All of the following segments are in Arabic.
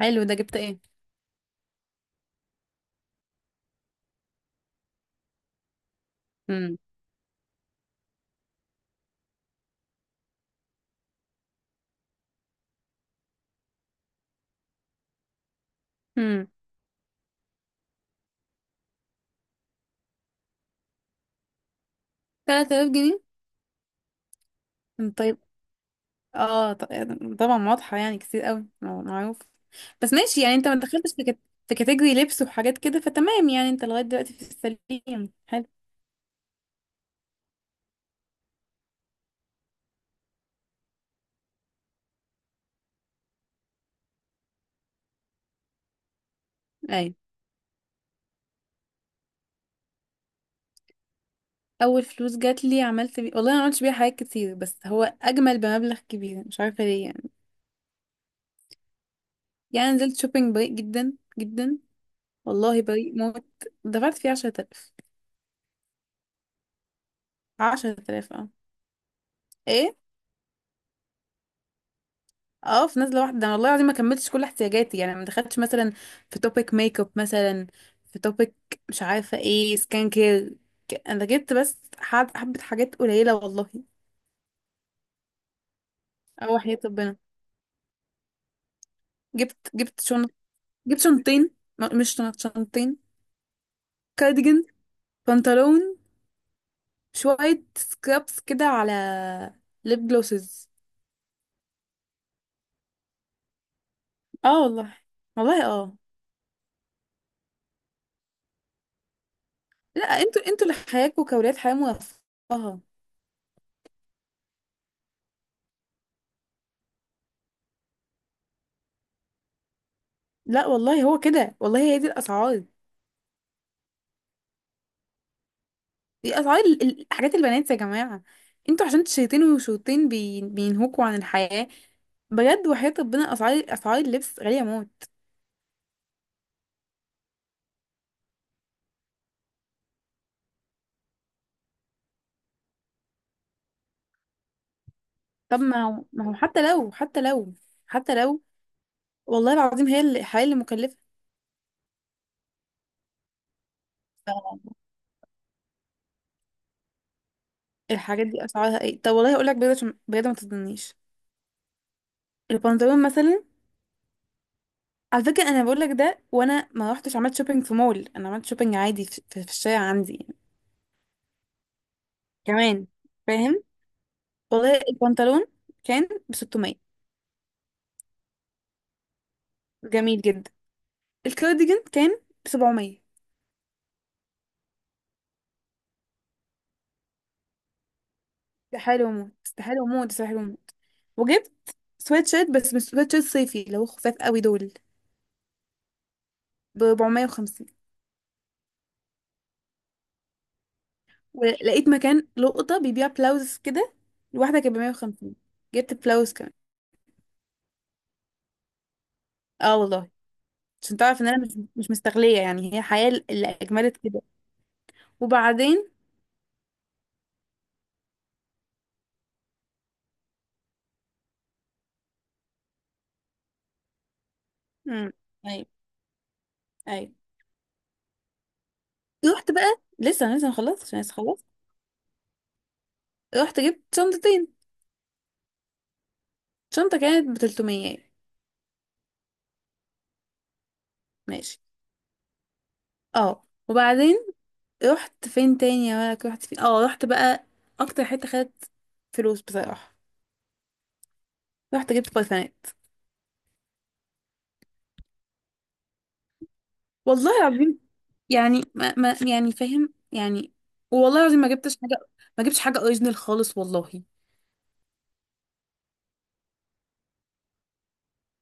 حلو ده جبت ايه. امم امم 3000 جنيه. أم طيب. اه ط- طبعا واضحة يعني، كتير قوي، معروف بس ماشي يعني، انت ما دخلتش في في كاتيجوري لبس وحاجات كده، فتمام يعني انت لغاية دلوقتي في السليم. حلو. اي. اول فلوس جات لي عملت والله انا ما عملتش بيها حاجات كتير، بس هو اجمل بمبلغ كبير، مش عارفة ليه يعني. يعني نزلت شوبينج بريء جدا جدا. والله بريء موت. دفعت فيه 10000. 10000 اه. ايه. اه في نزله واحده، انا والله العظيم ما كملتش كل احتياجاتي، يعني ما دخلتش مثلا في توبيك ميك اب مثلا، في توبيك، مش عارفه ايه سكان كير. انا جبت بس حبه حاجات قليله والله. اه وحياة ربنا. جبت شنط. جبت شنطين. مش شنط، شنطين. كارديجان، بنطلون، شويه سكرابس كده، على ليب جلوسز. اه والله. والله اه. لا انتوا اللي حياتكم كولاد، حياه مرفهه. لا والله هو كده، والله هي دي الاسعار. دي اسعار حاجات البنات يا جماعه. انتوا عشان شيطين وشوطين بينهوكوا عن الحياه. بجد وحياة ربنا، اسعار، اسعار اللبس غاليه موت. طب ما هو حتى لو، حتى لو، حتى لو والله العظيم هي الحياه اللي مكلفه. الحاجات دي اسعارها ايه؟ طب والله هقول لك بجد، عشان بجد ما تظنيش. البنطلون مثلا. على فكره انا بقول لك ده وانا ما رحتش عملت شوبينج في مول، انا عملت شوبينج عادي في الشارع عندي يعني. كمان. فاهم. والله البنطلون كان ب 600. جميل جدا. الكارديجان كان ب 700. استحالة وموت، استحالة وموت، استحالة وموت. وجبت سويت شيرت، بس مش سويت شيرت صيفي اللي هو خفاف قوي دول، ب 450. ولقيت مكان لقطة بيبيع بلاوز كده، الواحدة كانت ب 150. جبت بلاوز كمان. اه والله. عشان تعرف ان انا مش مستغلية يعني، هي حياة اللي اجملت كده. وبعدين امم. ايوه. ايوه. رحت بقى، لسه لسه مخلصت عشان لسه خلصت. رحت جبت شنطتين. شنطة كانت ب 300. ماشي. اه وبعدين رحت فين تاني يا مالك، رحت فين؟ اه رحت بقى اكتر حته خدت فلوس بصراحه. رحت جبت برفانات. والله العظيم. يعني ما يعني فاهم يعني. والله العظيم ما جبتش حاجه. ما جبتش حاجه اوريجينال خالص والله.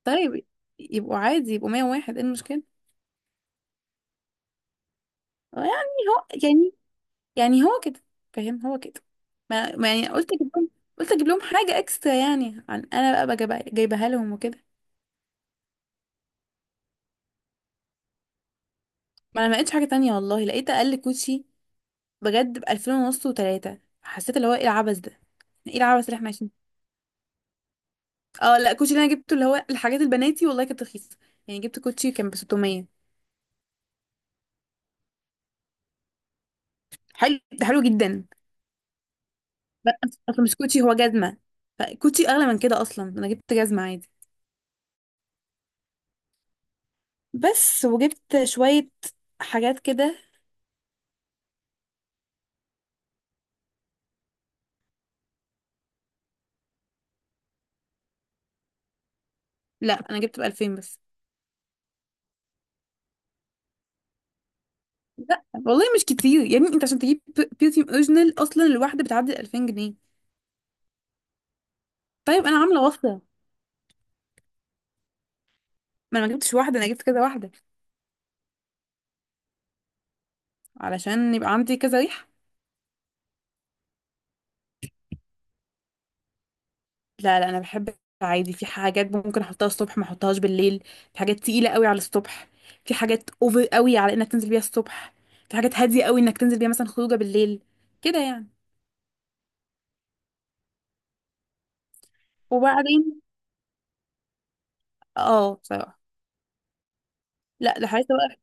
طيب يبقوا عادي، يبقوا 101، ايه المشكله؟ يعني. هو يعني، يعني هو كده. فاهم، هو كده. ما يعني قلت اجيب لهم، قلت اجيب لهم حاجه اكسترا يعني، عن انا بقى جايبها لهم وكده. ما انا ما لقيتش حاجه تانية والله، لقيت اقل كوتشي بجد بألفين ونص وتلاتة، حسيت اللي هو ايه العبث ده؟ ايه العبث اللي احنا عايشين؟ اه لا الكوتشي اللي انا جبته اللي هو الحاجات البناتي والله كانت رخيصة. يعني جبت كوتشي كان ب 600. حلو ده، حلو جدا. بس اصلا مش كوتشي، هو جزمة. فكوتشي اغلى من كده، اصلا انا جبت جزمة عادي بس. وجبت شوية حاجات كده. لا انا جبت ب 2000 بس. لا والله مش كتير يا ابني، انت عشان تجيب بيرفيوم اوريجينال اصلا الواحدة بتعدي 2000 جنيه. طيب انا عاملة وصلة. ما انا ما جبتش واحدة، انا جبت كذا واحدة. علشان يبقى عندي كذا ريحة. لا لا انا بحب. عادي في حاجات ممكن احطها الصبح، ما احطهاش بالليل. في حاجات تقيله قوي على الصبح. في حاجات اوفر قوي على انك تنزل بيها الصبح. في حاجات هاديه قوي انك تنزل بيها مثلا خروجه بالليل. كده يعني. وبعدين اه بصراحه. لا ده حاجه بقى،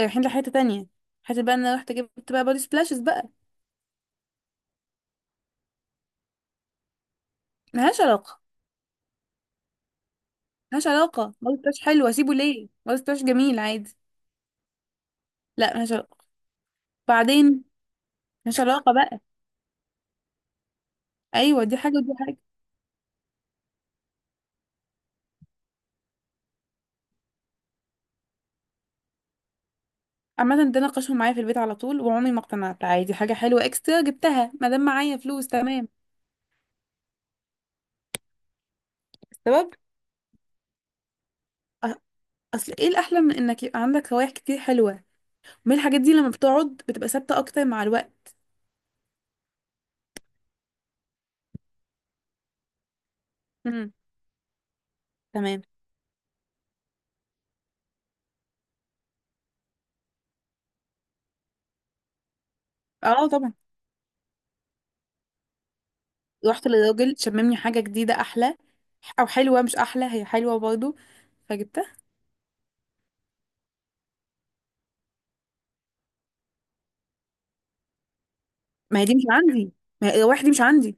رايحين لحته تانية. حته بقى ان انا رحت جبت بقى بودي سبلاشز بقى. ملهاش علاقه. ملهاش علاقه، بودي سبلاش حلو، اسيبه ليه؟ بودي سبلاش جميل عادي. لا ملهاش علاقه. بعدين ملهاش علاقه بقى. ايوه، دي حاجه ودي حاجه. عامة ده ناقشهم معايا في البيت على طول وعمري ما اقتنعت، عادي حاجة حلوة اكسترا جبتها ما دام معايا فلوس، تمام. السبب. أ- اصل ايه الاحلى من انك يبقى عندك روايح كتير حلوة؟ من الحاجات دي لما بتقعد بتبقى ثابتة اكتر مع الوقت. امم. تمام. اه طبعا. رحت للراجل شممني حاجة جديدة احلى، او حلوة، مش احلى هي حلوة برضو. فجبتها. ما هي دي مش عندي. ما هي الروايح دي مش عندي.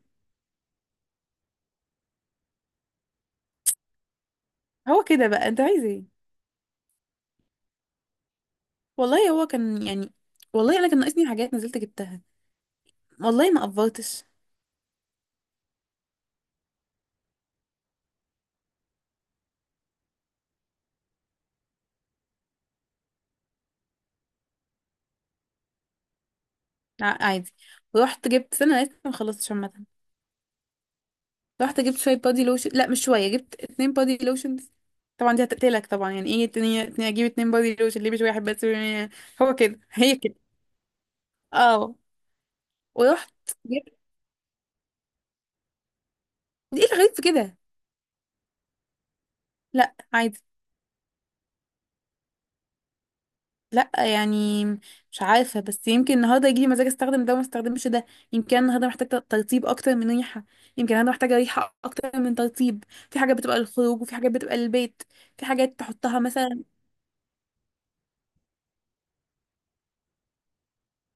هو كده بقى، انت عايز ايه؟ والله هو كان يعني. والله انا كان ناقصني حاجات نزلت جبتها. والله ما قفرتش. لا عادي. ورحت جبت، استنى أنا لسه ما خلصتش عامة. رحت جبت شوية بادي لوشن، لا مش شوية، جبت اتنين بادي لوشن. طبعا دي هتقتلك طبعا، يعني ايه اتنين، اتنين اجيب اتنين بادي لوشن ليه مش واحد بس؟ هو كده، هي كده. اه. ورحت جبت. ايه الغريب في كده؟ لا عادي. لا يعني. مش عارفة بس يمكن النهاردة يجيلي مزاج استخدم ده وما استخدمش ده. يمكن أنا النهاردة محتاجة ترطيب اكتر من ريحة. يمكن النهاردة محتاجة ريحة اكتر من ترطيب. في حاجات بتبقى للخروج وفي حاجات بتبقى للبيت. في حاجات تحطها مثلا.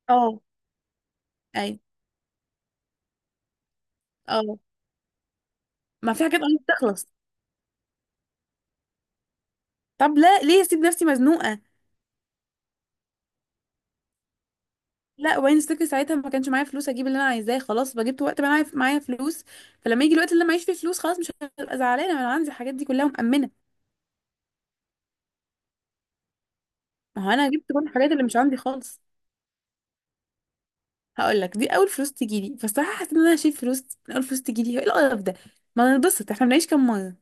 اه. اي. اه. ما في حاجات قريب تخلص. طب لا ليه اسيب نفسي مزنوقه؟ لا وبعدين افتكر ساعتها ما كانش معايا فلوس اجيب اللي انا عايزاه، خلاص بقى جبت وقت بقى معايا فلوس. فلما يجي الوقت اللي أنا معيش فيه فلوس، خلاص مش هبقى زعلانه، ما انا عندي الحاجات دي كلها مأمنه. ما هو انا جبت كل الحاجات اللي مش عندي خالص. هقول لك دي اول فلوس تجي لي، فالصراحه حسيت ان انا هشيل فلوس من اول فلوس تجي لي، ايه القرف ده؟ ما ننبسط، احنا بنعيش كام مره؟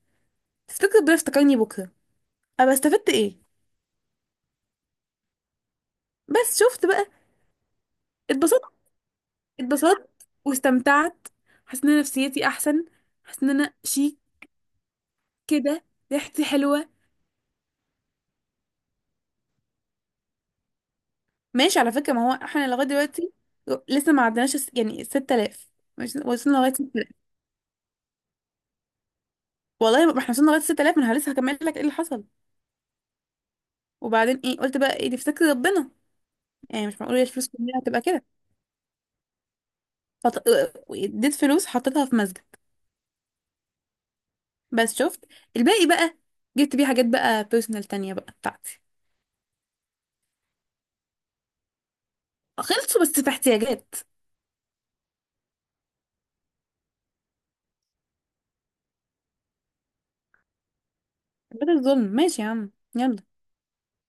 تفتكر ربنا افتكرني بكره، ابقى استفدت ايه؟ بس شفت بقى، اتبسطت، اتبسطت، واستمتعت. حاسه ان أنا نفسيتي احسن. حاسه ان انا شيك كده، ريحتي حلوة. ماشي على فكرة ما هو احنا لغاية دلوقتي لسه ما عدناش يعني 6000. مش وصلنا لغاية 6000. والله ما احنا وصلنا لغاية 6000، ما انا لسه هكمل لك ايه اللي حصل. وبعدين ايه قلت بقى ايه دي في سكة ربنا، يعني مش معقول الفلوس كلها هتبقى كده. فط... اديت فلوس حطيتها في مسجد. بس شفت. الباقي بقى جبت بيه حاجات بقى بيرسونال تانية بقى بتاعتي. خلصوا بس في احتياجات. ده الظلم ماشي يا عم. يلا.